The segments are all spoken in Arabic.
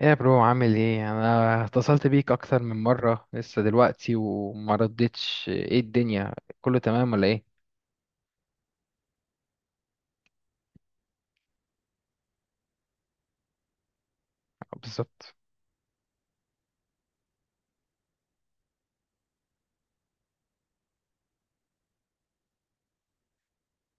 ايه يا برو، عامل ايه؟ انا اتصلت بيك اكتر من مره لسه دلوقتي وما ردتش. ايه الدنيا، كله تمام ولا ايه؟ بالظبط.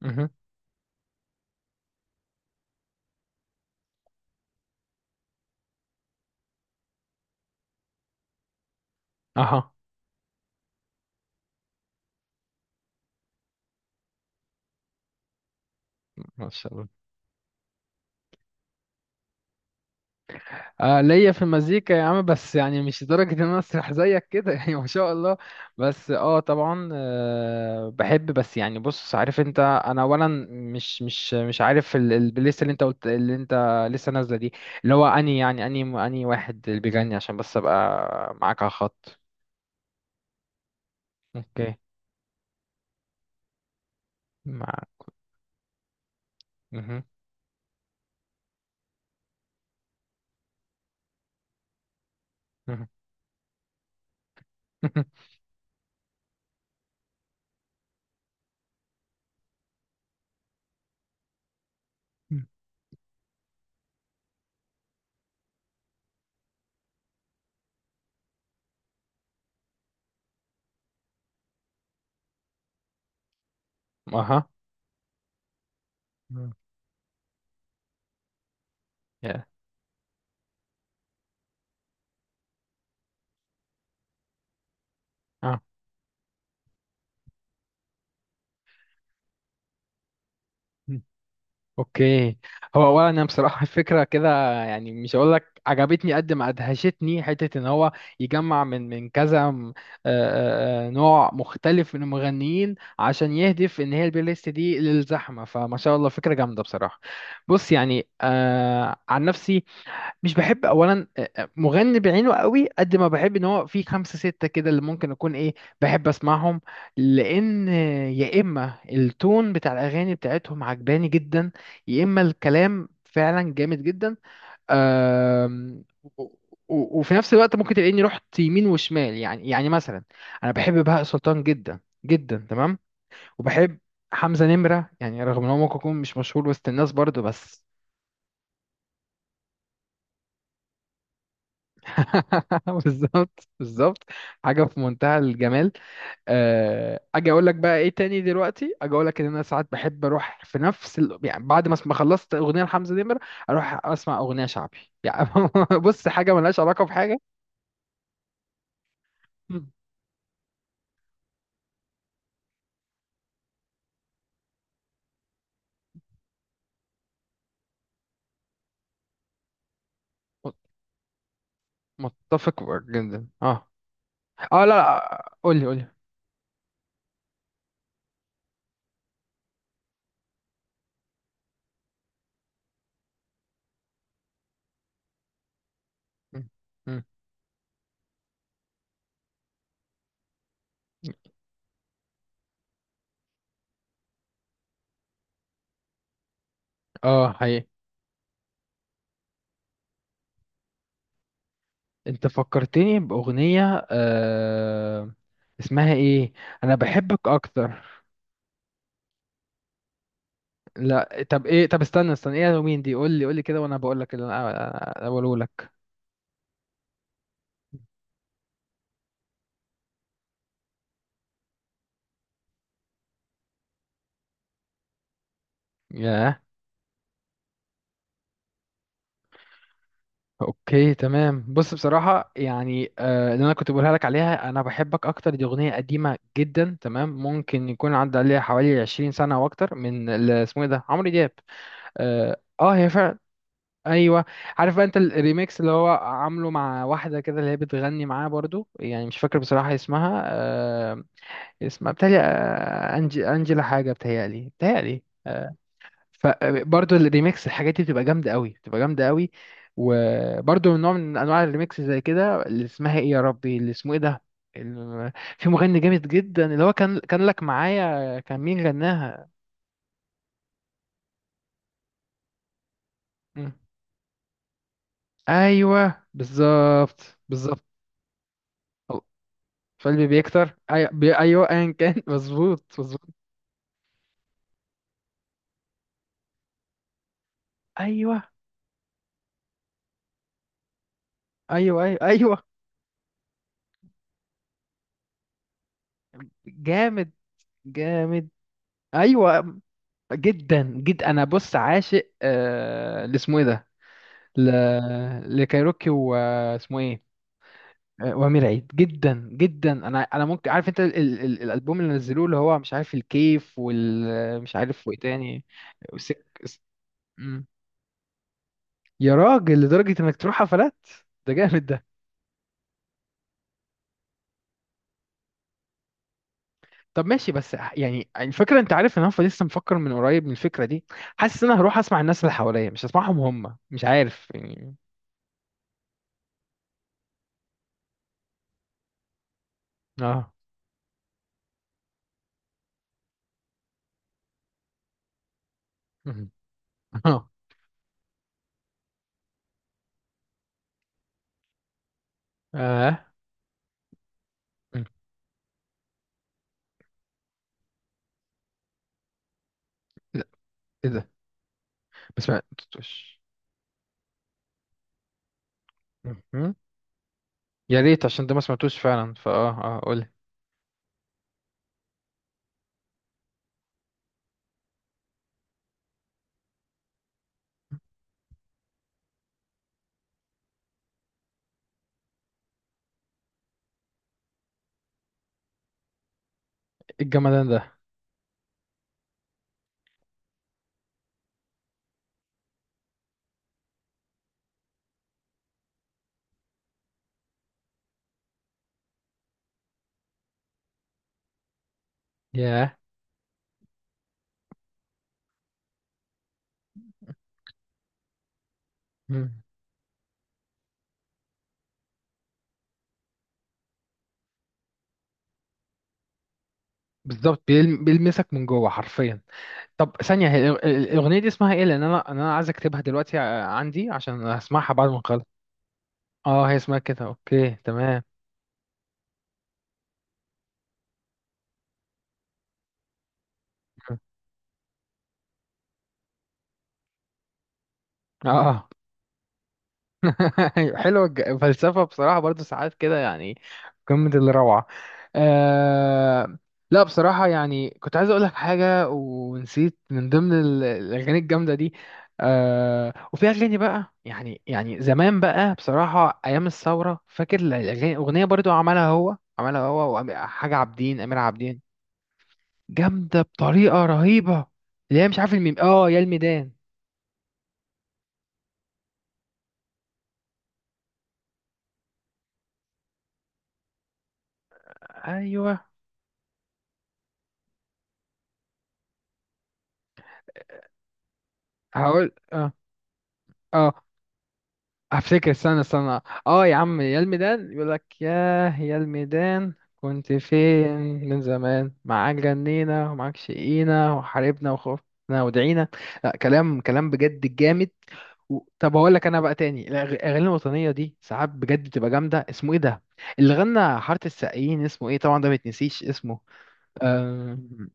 مهم. اها. ما شاء الله. ليا في المزيكا يا عم، بس يعني مش لدرجه ان انا اسرح زيك كده يعني ما شاء الله. بس طبعا بحب، بس يعني بص، عارف انت، انا اولا مش عارف البلاylist اللي انت قلت، اللي انت لسه نازله دي. اللي هو اني يعني اني اني واحد اللي بيغني عشان بس ابقى معاك على الخط. اوكي. مع. مه. مه. مه. اها. يا. اه. مم. اوكي. هو اولا انا بصراحه الفكره كده، يعني مش هقول لك عجبتني قد ما ادهشتني، حته ان هو يجمع من كذا نوع مختلف من المغنيين، عشان يهدف ان هي البلاي ليست دي للزحمه. فما شاء الله، فكره جامده بصراحه. بص يعني، عن نفسي مش بحب اولا مغني بعينه قوي، قد ما بحب ان هو في خمسة ستة كده اللي ممكن اكون ايه، بحب اسمعهم. لان يا اما التون بتاع الاغاني بتاعتهم عجباني جدا، يا اما الكلام فعلا جامد جدا. آم، و- وفي نفس الوقت ممكن تلاقيني رحت يمين وشمال، يعني مثلا انا بحب بهاء سلطان جدا جدا، تمام. وبحب حمزة نمرة، يعني رغم ان هو ممكن يكون مش مشهور وسط الناس برضه، بس بالظبط بالظبط، حاجه في منتهى الجمال. اجي اقول لك بقى ايه تاني؟ دلوقتي اجي اقول لك ان انا ساعات بحب اروح في نفس ال... يعني بعد ما ما خلصت اغنيه لحمزه نمر، اروح اسمع اغنيه شعبي، يعني بص، حاجه ملهاش علاقه بحاجه. مم. مت- متفق جدا، اه. اه، لا لا، قول لي قول لي. مم. مم. اه هي. انت فكرتني باغنيه اسمها ايه؟ انا بحبك اكتر. لا طب ايه؟ طب استنى استنى، ايه الهالوين دي؟ قول لي قول لي كده، وانا بقول لك اللي انا بقوله لك. ياه. اوكي تمام. بص بصراحه، يعني اللي انا كنت بقولها لك عليها، انا بحبك اكتر، دي اغنيه قديمه جدا تمام. ممكن يكون عدى عليها حوالي 20 سنه او اكتر، من اللي اسمه ايه ده، عمرو دياب. اه هي فعلا. ايوه. عارف بقى انت الريميكس اللي هو عامله مع واحده كده، اللي هي بتغني معاه برضو، يعني مش فاكر بصراحه اسمها، اسمها بتهيألي، انجي انجيلا، حاجه بتهيألي فبرضه الريميكس الحاجات دي بتبقى جامده قوي، بتبقى جامده قوي. وبرضه من نوع من انواع الريميكس زي كده، اللي اسمها ايه يا ربي، اللي اسمه ايه ده، ال- في مغني جامد جدا اللي هو كان لك معايا، كان مين غناها؟ مم. ايوه بالظبط بالظبط. الله. فالبي بيكتر، ايوه ايوه، ايا كان مظبوط مظبوط. ايوه ايوه ايوه ايوه. جامد جامد. ايوه. جدا جدا، انا بص عاشق، اللي اسمه ايه ده، ل... لكايروكي، واسمه ايه؟ وامير عيد جدا جدا. انا ممكن، عارف انت الالبوم اللي نزلوه اللي هو مش عارف الكيف، وال مش عارف وايه تاني. وسك... س- مم. يا راجل، لدرجة انك تروح حفلات؟ ده جامد ده. طب ماشي، بس يعني الفكرة، انت عارف ان انا لسه مفكر من قريب من الفكرة دي. حاسس ان انا هروح اسمع الناس اللي حواليا، مش هسمعهم هم، مش عارف يعني. اه. مم. اه. اه. مم. لا، ايه ده؟ بس ما تطوش. يا ريت، عشان ده ما سمعتوش فعلا، فاه اه، قول إيه. الجمدان ده. ياه. مم. بالظبط، بيلمسك من جوه حرفيا. طب ثانية، هي الأغنية دي اسمها ايه؟ لأن أنا عايز أكتبها دلوقتي عندي، عشان هسمعها بعد ما نخلص. اه هي اسمها كده، اوكي تمام. اه آه. أيوة، حلوة فلسفة بصراحة، برضو ساعات كده يعني قمة الروعة. آه... لا بصراحة، يعني كنت عايز أقولك حاجة ونسيت، من ضمن الأغاني الجامدة دي. وفي أغاني بقى، يعني زمان بقى بصراحة أيام الثورة، فاكر الأغاني، أغنية برضو عملها هو، عملها هو وحاجة عابدين، أمير عابدين. جامدة بطريقة رهيبة. اللي هي مش عارف، الميم، اه، يا الميدان. أيوه. هقول اه. اه هفتكر، استنى استنى. اه يا عم، يا الميدان يقول لك، ياه يا الميدان كنت فين، من زمان معاك جنينا ومعاك شقينا وحاربنا وخوفنا ودعينا. لا، كلام كلام بجد جامد. و... طب هقول لك انا بقى تاني، الاغاني الوطنيه دي ساعات بجد بتبقى جامده، اسمه ايه ده اللي غنى حاره السقايين، اسمه ايه، طبعا ده ما يتنسيش اسمه. آم،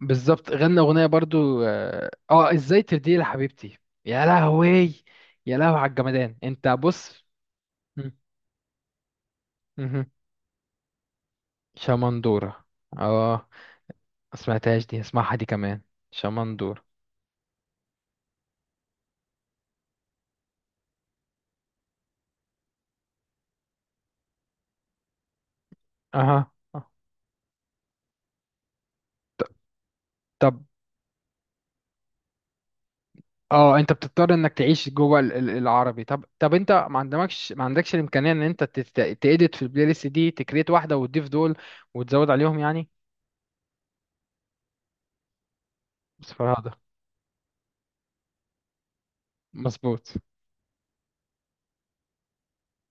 بالظبط، غنى اغنيه برضو، اه ازاي ترضي لي حبيبتي. يا لهوي. يا لهوي على الجمدان، انت بص. مم. مهم. شمندورة. اه ما سمعتهاش دي، اسمعها دي كمان. شمندورة. اها آه. ط- طب اه، انت بتضطر انك تعيش جوه العربي. طب طب، انت ما عندكش الامكانية ان انت تedit في البلاي ليست دي، تكريت واحدة وتضيف دول، وتزود عليهم يعني. بس فرهدة. مظبوط.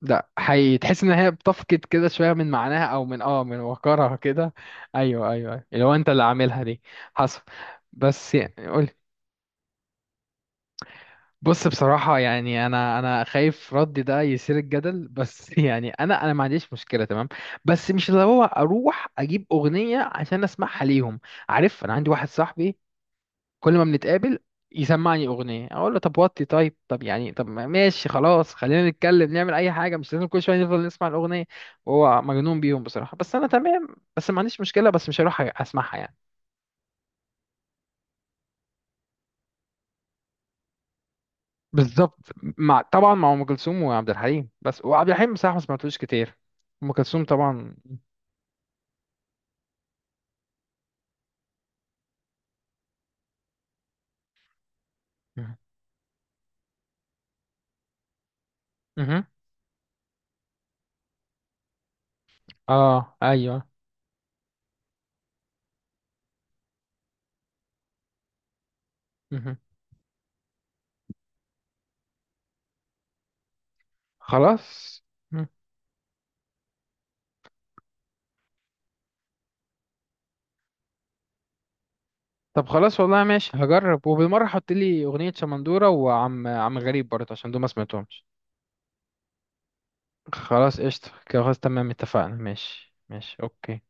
لا حقيقي، تحس ان هي بتفقد كده شوية من معناها، او من اه، من وقارها كده. ايوه ايوه ايوه، اللي هو انت اللي عاملها دي. حصل. بس يعني قولي. بص بصراحة، يعني أنا خايف ردي ده يثير الجدل، بس يعني أنا ما عنديش مشكلة، تمام. بس مش اللي هو أروح أجيب أغنية عشان أسمعها ليهم. عارف، أنا عندي واحد صاحبي، كل ما بنتقابل يسمعني أغنية، أقول له طب وطي، طيب طب، يعني طب ماشي خلاص، خلينا نتكلم، نعمل أي حاجة، مش لازم كل شوية نفضل نسمع الأغنية. وهو مجنون بيهم بصراحة، بس أنا تمام. بس ما عنديش مشكلة، بس مش هروح أسمعها يعني. بالظبط. مع، طبعا مع ام كلثوم وعبد الحليم، بس وعبد الحليم بصراحه ما سمعتلوش كتير. ام كلثوم طبعا. مه. مه. اه ايوه. مه. خلاص. مه. طب خلاص والله، ماشي، هجرب. وبالمره حط لي اغنيه شمندوره، وعم غريب برضه، عشان دول ما سمعتهمش. خلاص قشطه كده، خلاص تمام، اتفقنا، ماشي ماشي، اوكي.